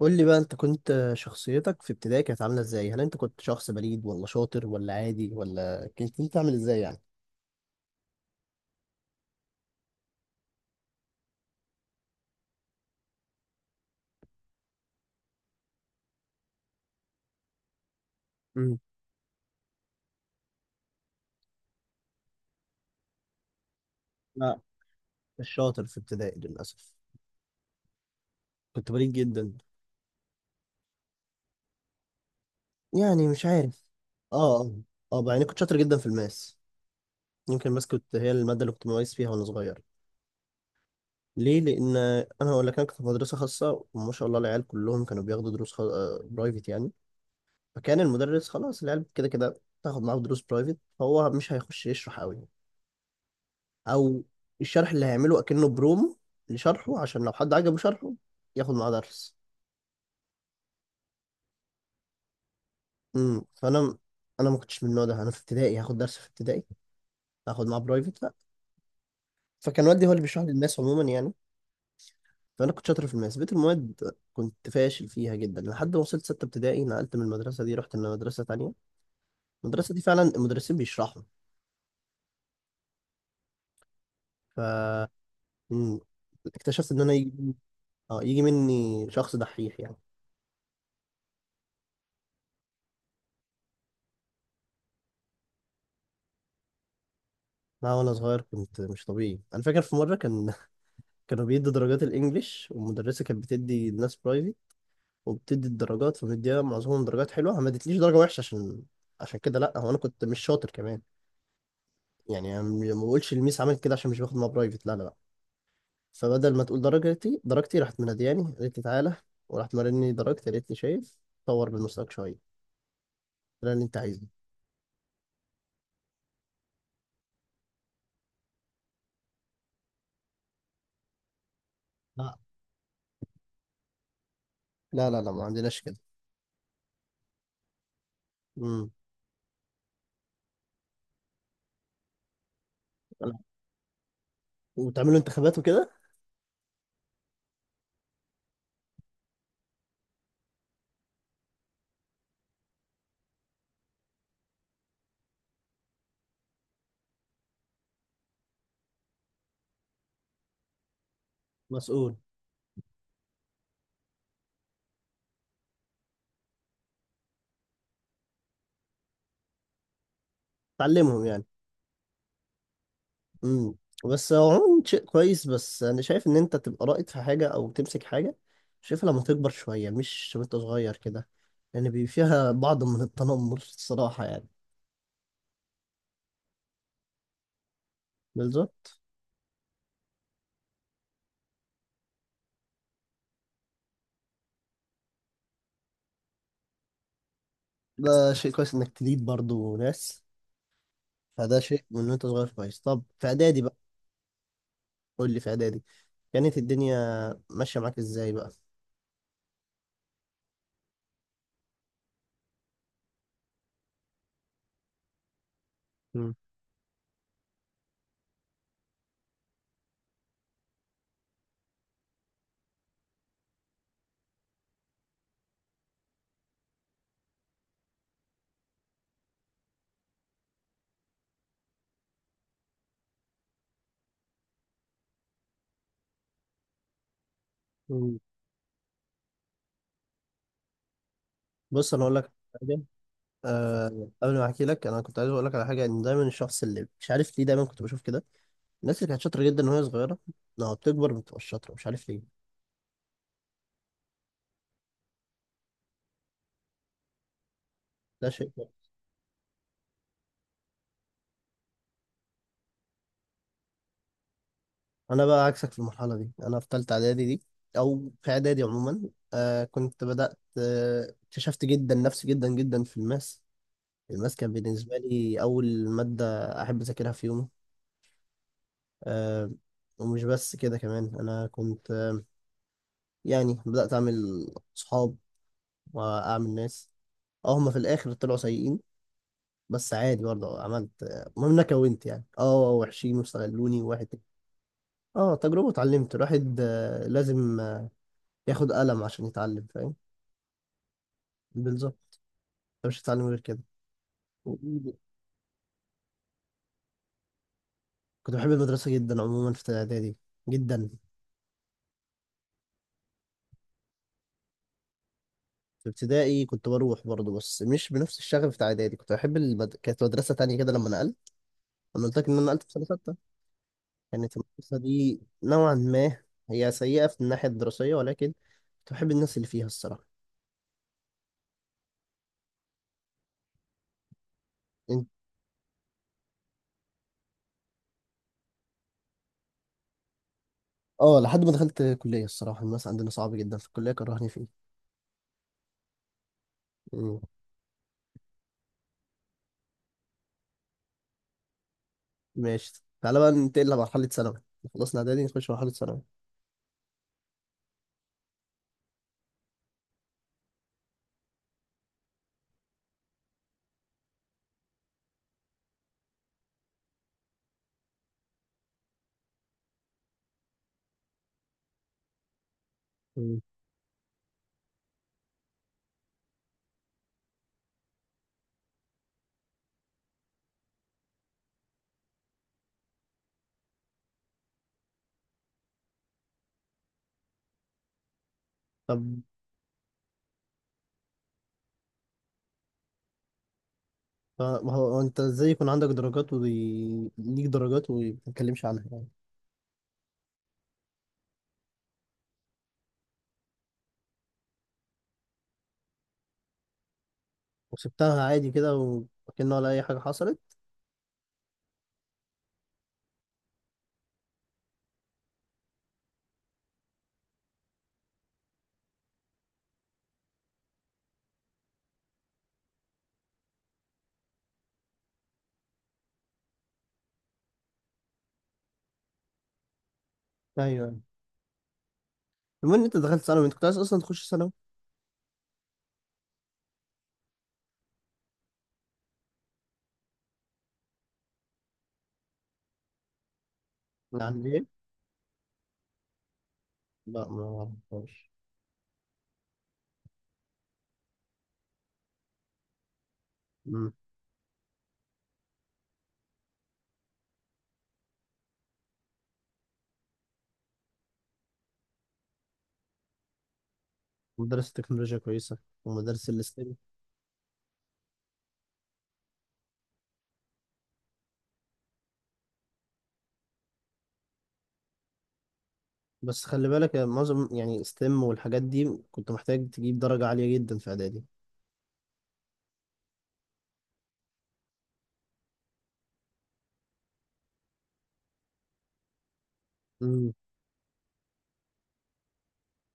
قول لي بقى انت كنت شخصيتك في ابتدائي كانت عامله ازاي؟ هل انت كنت شخص بليد ولا شاطر ولا عادي، ولا كنت انت عامل ازاي يعني؟ امم. لا، مش شاطر في ابتدائي للاسف. كنت بليد جدا. مش عارف. اه اه. اه بقى، يعني كنت شاطر جدا في الماس. يمكن الماس كنت هي الماده اللي كنت مميز فيها وانا صغير. ليه؟ لان انا هقول لك، انا كنت في مدرسه خاصه وما شاء الله العيال كلهم كانوا بياخدوا دروس خ... آه، برايفت يعني. فكان المدرس خلاص، العيال كده كده تاخد معاه دروس برايفت، فهو مش هيخش يشرح قوي. او الشرح اللي هيعمله اكنه برومو لشرحه، عشان لو حد عجبه شرحه ياخد معاه درس. امم، فانا، انا ما كنتش من النوع ده. انا في ابتدائي هاخد درس؟ في ابتدائي هاخد معاه برايفت؟ لا. فكان والدي هو اللي بيشرح لي الماس عموما يعني. فانا كنت شاطر في الماس، بقيت المواد كنت فاشل فيها جدا لحد ما وصلت سته ابتدائي، نقلت من المدرسه دي، رحت لمدرسه تانية. المدرسه دي فعلا المدرسين بيشرحوا. ف مم، اكتشفت ان انا يجي، اه، يجي مني شخص دحيح يعني. لا وانا صغير كنت مش طبيعي. انا فاكر في مره كان، كانوا بيدوا درجات الانجليش، والمدرسه كانت بتدي الناس برايفي وبتدي الدرجات، فمديها معظمهم درجات حلوه، ما ادتليش درجه وحشه عشان، عشان كده، لا هو انا كنت مش شاطر كمان. يعني ما بقولش الميس عملت كده عشان مش باخد معاها برايفت، لا لا لا. فبدل ما تقول درجتي، درجتي راحت منادياني قالت لي تعالى، وراحت مرني درجتي قالت لي شايف، طور من مستواك شويه، ده اللي انت عايزه. لا لا لا لا، ما عندناش كده. امم. وتعملوا انتخابات وكده؟ مسؤول. تعلمهم يعني. امم. بس هو عموما شيء كويس، بس انا شايف ان انت تبقى رائد في حاجه او تمسك حاجه، شايفها لما تكبر شويه، مش وانت صغير كده، لان يعني بيبقى فيها بعض من التنمر الصراحه يعني. بالظبط. ده شيء كويس انك تليد برضو ناس، فده شيء من وانت صغير كويس. طب في اعدادي بقى، قول لي في اعدادي كانت الدنيا ماشيه معاك ازاي بقى؟ مم. مم. بص انا اقول لك حاجه. أه قبل ما احكي لك، انا كنت عايز اقول لك على حاجه، ان دايما الشخص اللي، مش عارف ليه دايما كنت بشوف كده، الناس اللي كانت شاطرة جدا وهي صغيرة لما بتكبر ما بتبقاش شاطرة، مش عارف ليه. ده شيء. أنا بقى عكسك في المرحلة دي. أنا في تالتة إعدادي دي، أو في إعدادي عموما، آه كنت بدأت، اكتشفت جدا نفسي جدا جدا في الماس. الماس كان بالنسبة لي أول مادة أحب أذاكرها في يومي. آه. ومش بس كده كمان، أنا كنت يعني بدأت أعمل صحاب وأعمل ناس. أه هما في الآخر طلعوا سيئين، بس عادي. برضه عملت المهم إن أنا كونت يعني، أه، وحشين، واستغلوني وواحد. اه تجربة. اتعلمت. الواحد لازم ياخد قلم عشان يتعلم، فاهم. بالظبط، انت مش هتتعلم غير كده. كنت بحب المدرسة جدا عموما في إعدادي، جدا. في ابتدائي كنت بروح برضه بس مش بنفس الشغف بتاع إعدادي. كانت مدرسة تانية كده لما نقلت. أنا قلت لك إن أنا نقلت في سنة ستة. كانت المدرسة دي نوعا ما هي سيئة في الناحية الدراسية، ولكن كنت بحب الناس اللي فيها الصراحة. إنت- اه لحد ما دخلت كلية. الصراحة الناس عندنا صعب جدا في الكلية، كرهني فيه. ماشي تعالى بقى ننتقل لمرحلة ثانوي، خلصنا إعدادي نخش مرحلة ثانوي. مم. طب ما هو هو، أنت إزاي يكون عندك درجات وليك درجات وما تتكلمش عنها يعني؟ وسبتها عادي كده، وكأنه ولا أي حاجة حصلت. أيوه، أيوة. المهم إن أنت دخلت ثانوي، أنت كنت عايز أصلا تخش ثانوي؟ يعني إيه؟ لا، ما أعرفهاش. مم. مدرسة تكنولوجيا كويسة ومدارس الستيم. بس خلي بالك يا معظم، يعني ستيم والحاجات دي كنت محتاج تجيب درجة عالية جدا في إعدادي. مم.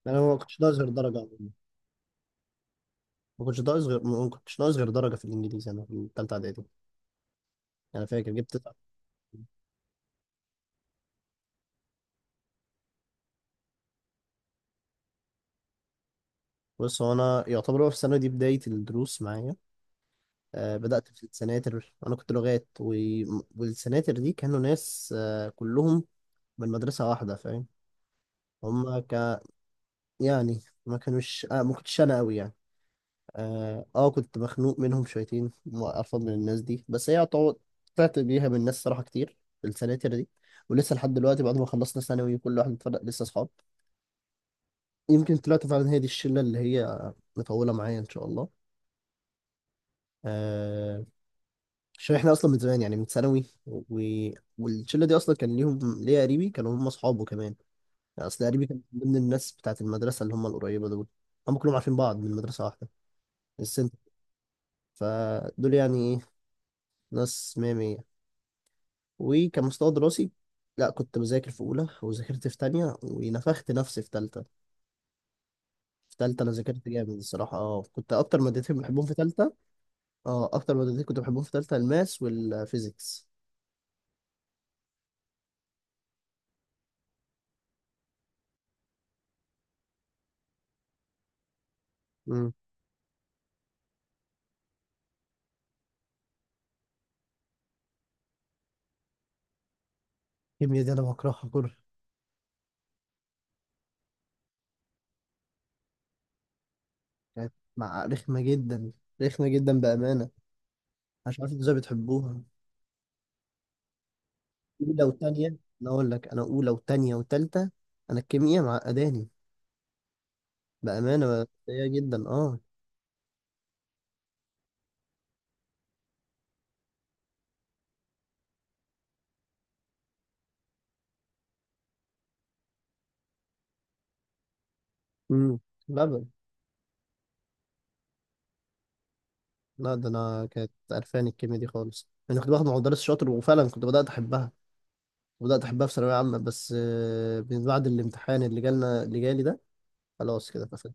أنا ما كنتش بظهر درجة. ما كنتش ناقص غير درجة في الإنجليزي أنا في التالتة إعدادي. أنا فاكر جبت تسعة. بص هو أنا يعتبر، هو في السنة دي بداية الدروس معايا. آه بدأت في السناتر، أنا كنت لغات و... والسناتر دي كانوا ناس آه كلهم من مدرسة واحدة، فاهم. هما ك... يعني ما كانوش ما كنتش أنا أوي يعني. كنت مخنوق منهم شويتين وأرفض من الناس دي، بس هي يعتبر طلعت بيها من ناس صراحة كتير. في السناتر دي ولسه لحد دلوقتي بعد ما خلصنا ثانوي كل واحد اتفرق، لسه أصحاب. يمكن طلعت فعلا هي دي الشله اللي هي مطوله معايا ان شاء الله. آه. عشان احنا اصلا من زمان يعني من ثانوي و... والشله دي اصلا كان ليهم، ليا قريبي كانوا هم اصحابه كمان. يعني اصل قريبي كان من ضمن الناس بتاعت المدرسه اللي هم القريبه دول، هم كلهم عارفين بعض من مدرسه واحده، السنت. فدول يعني ايه، ناس مية مية. وكان مستوى دراسي، لا كنت بذاكر في اولى وذاكرت في تانية ونفخت نفسي في تالتة. في تالتة انا ذاكرت جامد الصراحه. اه كنت اكتر مادتين بحبهم في تالتة، اه اكتر مادتين كنت بحبهم في ثالثه الماس والفيزيكس. امم. الكيمياء دي انا بكرهها كره. كانت مع رخمه جدا، رخمه جدا بامانه. مش عارف انتوا ازاي بتحبوها. اولى وثانيه، انا اقول لك انا اولى وثانيه وثالثه، انا الكيمياء معقداني بامانه، سيئه جدا اه. امم. لا ب- لا ده انا كانت قرفاني الكيمياء دي خالص. انا كنت باخد مع مدرس شاطر وفعلا كنت بدات احبها، بدات احبها في ثانويه عامه، بس من بعد الامتحان اللي جالنا اللي جالي ده، خلاص كده قفلت.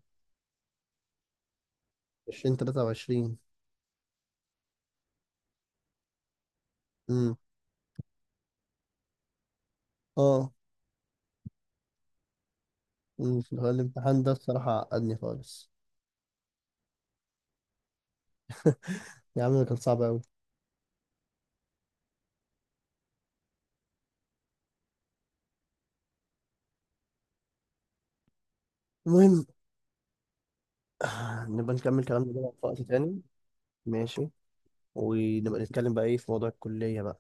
2023. اه اللي هو الامتحان ده الصراحة عقدني خالص. يا عم ده كان صعب أوي. المهم. نبقى نكمل كلامنا ده في وقت تاني. ماشي، ونبقى نتكلم بقى ايه في موضوع الكلية بقى.